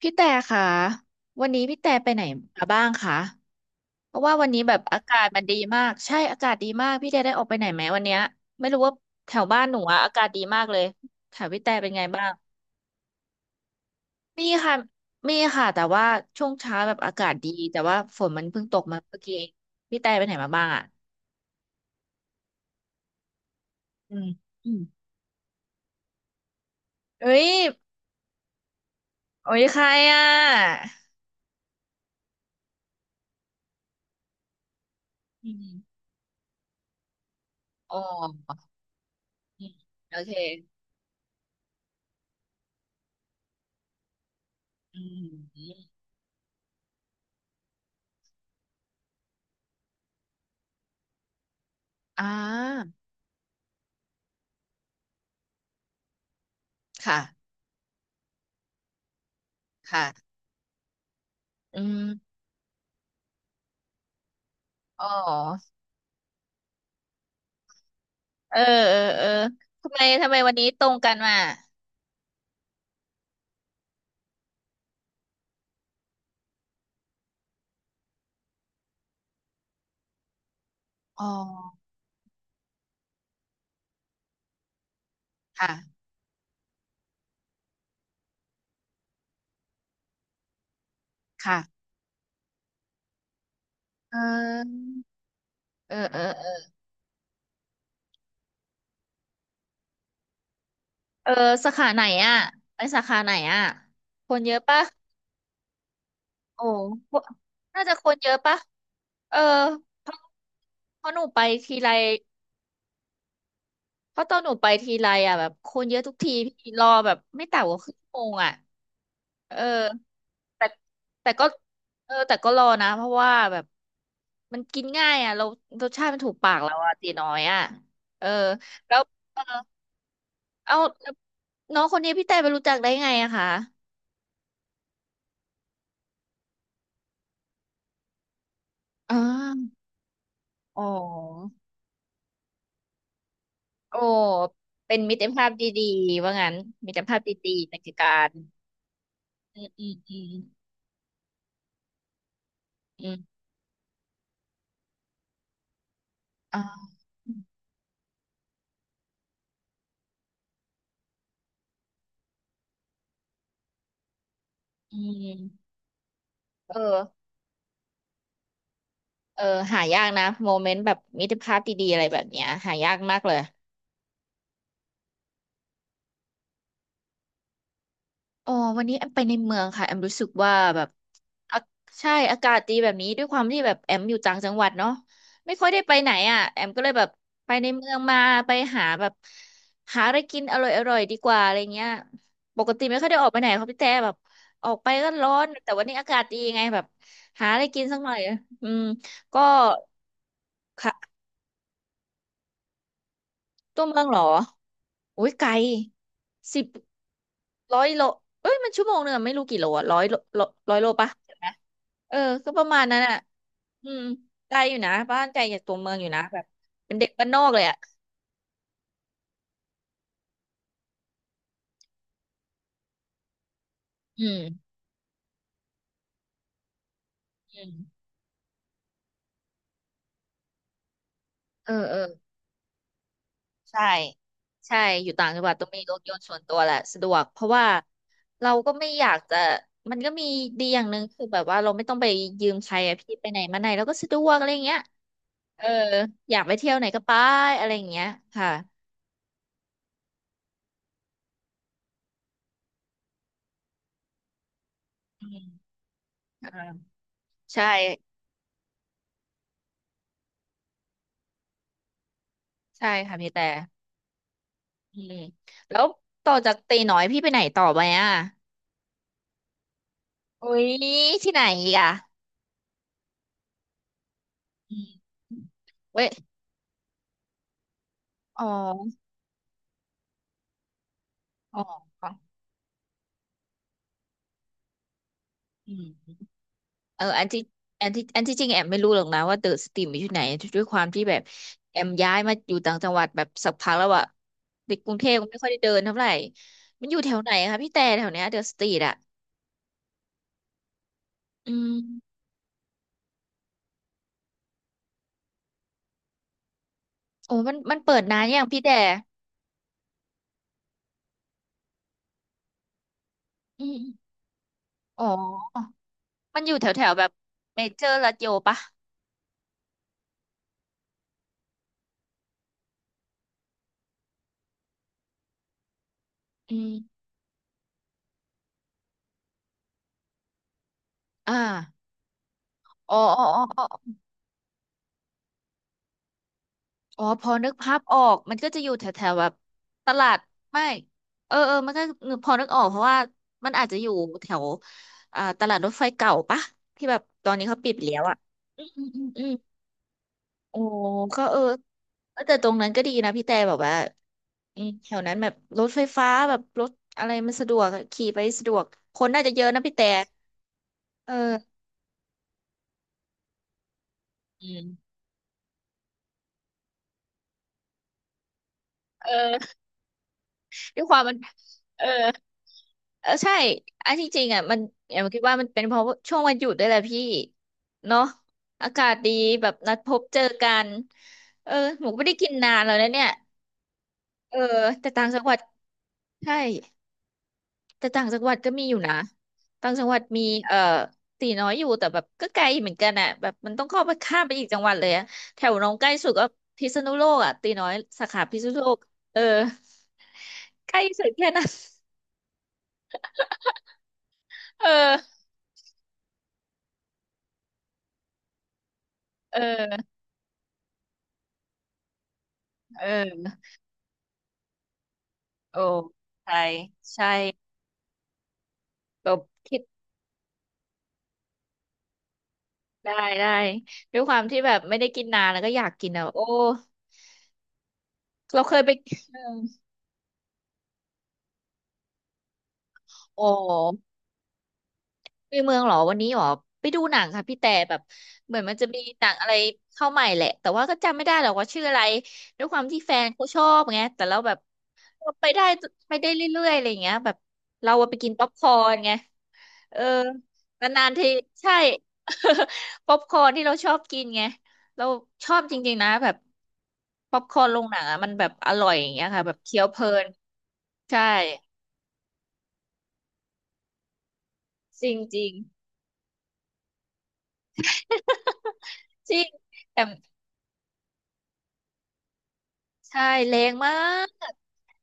พี่แต่ค่ะวันนี้พี่แต่ไปไหนมาบ้างคะเพราะว่าวันนี้แบบอากาศมันดีมากใช่อากาศดีมากพี่แต่ได้ออกไปไหนไหมวันเนี้ยไม่รู้ว่าแถวบ้านหนูอะอากาศดีมากเลยแถวพี่แต่เป็นไงบ้างมีค่ะมีค่ะแต่ว่าช่วงเช้าแบบอากาศดีแต่ว่าฝนมันเพิ่งตกมาเมื่อกี้เองพี่แต่ไปไหนมาบ้างอ่ะอืมอืมเอ้ยโอ้ยใครอ่ะอืมอ๋ออืมโอเคอืมอ่าค่ะค่ะอืม อ๋อเออเออเออทำไมวันนี้ตรงกันมาอ๋อ ค่ะ ค่ะเออเออเออเออเออสาขาไหนอ่ะไปสาขาไหนอ่ะคนเยอะปะโอ้พวกน่าจะคนเยอะปะเออเพราะเพราะหนูไปทีไร เพราะตอนหนูไปทีไรอ่ะแบบคนเยอะทุกทีพี่รอแบบไม่ต่ำกว่าครึ่งชั่วโมงอ่ะเออแต่แต่ก็เออแต่ก็รอนะเพราะว่าแบบมันกินง่ายอ่ะเรารสชาติมันถูกปากเราอ่ะตีน้อยอ่ะเออแล้วเออเอาแล้วน้องคนนี้พี่แต่ไปรู้จักได้ไงอะคะอ่าอ๋อโอ้เป็นมิตรภาพดีๆว่างั้นมิตรภาพดีๆในกิจการอืมอืมอืมอืมอ่าอืมเออ เออหายากนะโมเมนต์แบบมิตรภาพดีๆอะไรแบบเนี้ยหายากมากเลยอ๋อวันนี้แอมไปในเมืองค่ะแอมรู้สึกว่าแบบอาใช่อากาศดีแบบนี้ด้วยความที่แบบแอมอยู่ต่างจังหวัดเนาะไม่ค่อยได้ไปไหนอ่ะแอมก็เลยแบบไปในเมืองมาไปหาแบบหาอะไรกินอร่อยอร่อยดีกว่าอะไรเงี้ยปกติไม่ค่อยได้ออกไปไหนเขาพี่แต่แบบออกไปก็ร้อนแต่วันนี้อากาศดีไงแบบหาอะไรกินสักหน่อยอืมก็ค่ะตัวเมืองเหรออุ้ยไกลสิบ ร้อยโลเอ้ยมัน1 ชั่วโมงอะไม่รู้กี่โลอะร้อยโลร้อยโลปะใช่ไหมเออก็ประมาณนั้นอะอืมไกลอยู่นะบ้านไกลจากตัวเมืองอยู่นะแบบเป็นเด็กบ้านนอกเลยอะอืม อืมเออเออใช่ใช่ อยู่ต่างจังหวัดต้องมีรถยนต์ส่วนตัวแหละสะดวก เพราะว่าเราก็ไม่อยากจะ มันก็มีดีอย่างหนึ่งคือแบบว่าเราไม่ต้องไปยืมใครอะพี่ไปไหนมาไหนเราก็สะดวกอะไรอย่างเงี้ยเอออยากไปเที่ยวไหนก็ไปอะไรอย่างเงี้ยค่ะอืมเออใช่ ใช่ค่ะพี่แต่อืมแล้วต่อจากตีน้อยพี่ไปไหนต่อไปอ่ะอุ้ยที่ไหนอีกอ่ะอืมเว้ยอ๋ออ๋ออืมเอออันที่จริงแอมไม่รู้หรอกนะว่าเดอะสตรีมอยู่ที่ไหนด้วยความที่แบบแอมย้ายมาอยู่ต่างจังหวัดแบบสักพักแล้วอะในกรุงเทพก็ไม่ค่อยได้เดินเท่าไหร่มันอยู่แถวไหนคะพี่แต่แถวเนี้ยเดอะสตรีทอะอืมโอ้มันเปิดนานยังพี่แต่อืมอ๋อมันอยู่แถวแถวแบบเมเจอร์ลัชโยปะ อืมอ่าอ๋ออ๋ออ๋ออ๋ออ๋อพอนึกภาพออกมันก็จะอยู่แถวแถวแบบตลาดไม่เออเออมันก็นึกพอนึกออกเพราะว่ามันอาจจะอยู่แถวอ่าตลาดรถไฟเก่าปะที่แบบตอนนี้เขาปิดไปแล้วอ่ะอืมอืมอืมอืมโอ้ก็เออเออแต่ตรงนั้นก็ดีนะพี่แต่แบบว่าอืมแถวนั้นแบบรถไฟฟ้าแบบรถอะไรมันสะดวกอะขี่ไปสะดวกคนน่าจะเยอะนะพี่แต่เอออืมเออ ด้วยความมัน เออเออใช่อันที่จริงอ่ะมันแอมคิดว่ามันเป็นเพราะช่วงวันหยุดด้วยแหละพี่เนาะอากาศดีแบบนัดพบเจอกันเออหมูก็ไม่ได้กินนานแล้วนะเนี่ยเออแต่ต่างจังหวัดใช่แต่ต่างจังหวัดก็มีอยู่นะต่างจังหวัดมีตีน้อยอยู่แต่แบบก็ไกลเหมือนกันอ่ะแบบมันต้องเข้าไปข้ามไปอีกจังหวัดเลยอะแถวน้องใกล้สุดก็พิษณุโลกอ่ะตีน้อยสาขาพิษณุโลกเออใกล้สุดแค่นั้นเออเออเออ โอ้ใช่ใช่แบบคิดได้ได้ด้วยความที่แบบไม่ได้กินนานแล้วก็อยากกินอ่ะโอ้เราเคยไปเออโอ้ ไปเมืองเหรอวันนี้เหรอไปดูหนังค่ะพี่แต่แบบเหมือนมันจะมีหนังอะไรเข้าใหม่แหละแต่ว่าก็จำไม่ได้หรอกว่าชื่ออะไรด้วยความที่แฟนเขาชอบไงแต่เราแบบเราไปได้ไปได้เรื่อยๆอะไรอย่างเงี้ยแบบเราอะไปกินป๊อปคอร์นไงเออนานๆทีใช่ ป๊อปคอร์นที่เราชอบกินไงเราชอบจริงๆนะแบบป๊อปคอร์นโรงหนังอะมันแบบอร่อยอย่างเงี้ยค่ะแบบเคี้ยวเพลินใช่จริงจริงจริงแต่ ใช่แรงมาก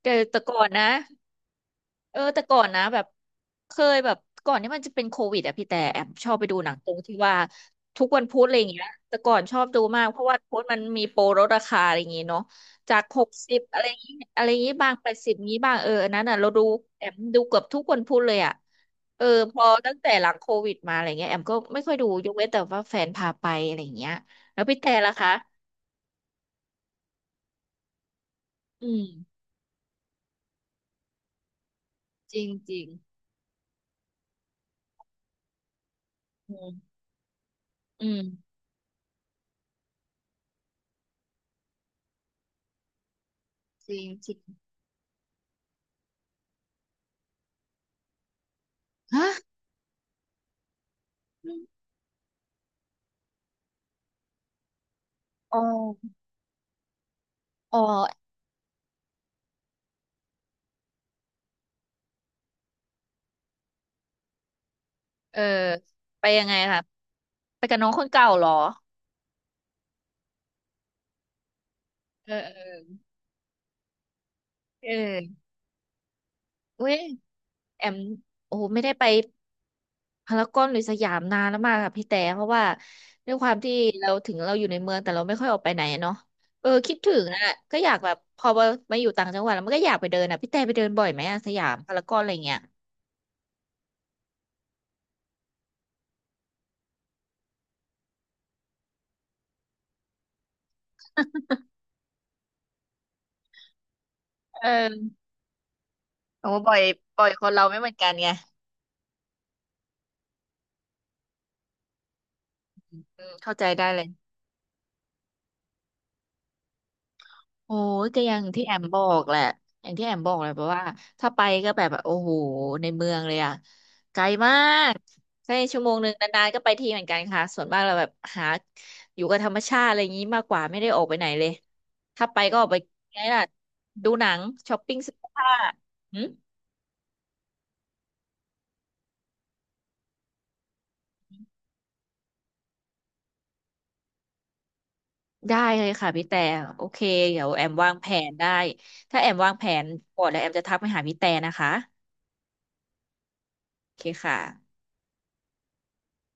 แต่ก่อนนะเออแต่ก่อนนะแบบเคยแบบก่อนที่มันจะเป็นโควิดอะพี่แต่แอมชอบไปดูหนังตรงที่ว่าทุกวันพุธอะไรอย่างเงี้ยแต่ก่อนชอบดูมากเพราะว่าพุธมันมีโปรลดราคาอะไรอย่างงี้เนาะจาก60อะไรอย่างงี้อะไรอย่างงี้บาง80งี้บางอันนั้นอะเราดูแอมดูเกือบทุกวันพุธเลยอะเออพอตั้งแต่หลังโควิดมาอะไรเงี้ยแอมก็ไม่ค่อยดูยกเว้นแต่ว่าแฟนพาไปอะไรอย่างเงี้ยแล้วพี่แต่ล่ะคะอืมจริงจริงอืมอืม จริงจริงฮะอ๋ออ๋อเออไปยังไงคะไปกับน้องคนเก่าเหรอเออเออเออเว้ยแอมโอ้โหไม่ได้ไปพารากอนหรือสยามนานแล้วมากค่ะพี่แต่เพราะว่าด้วยความที่เราถึงเราอยู่ในเมืองแต่เราไม่ค่อยออกไปไหนอะเนาะเออคิดถึงอ่ะก็อยากแบบพอมามาอยู่ต่างจังหวัดแล้วมันก็อยากไปเดินอ่ะพี่แต่ไปเดินบ่อยไหมอะสยามพารากอนอะไรเงี้ยเออโอ้บ่อยบ่อยคนเราไม่เหมือนกันไงอืมเข้าใจได้เลย โอ้ยก็อย่างที่แอมบอกแหละอย่างที่แอมบอกแหละเพราะว่าถ้าไปก็แบบโอ้โหในเมืองเลยอะไกลมากแค่ชั่วโมงหนึ่งนานๆก็ไปทีเหมือนกันค่ะส่วนมากเราแบบหาอยู่กับธรรมชาติอะไรอย่างนี้มากกว่าไม่ได้ออกไปไหนเลยถ้าไปก็ออกไปไงล่ะดูหนังช้อปปิ้งเสื้อผ้าหืมได้เลยค่ะพี่แต่โอเคเดี๋ยวแอมวางแผนได้ถ้าแอมวางแผนก่อนแล้วแอมจะทักไปหาพี่แต่นะคะโอเคค่ะ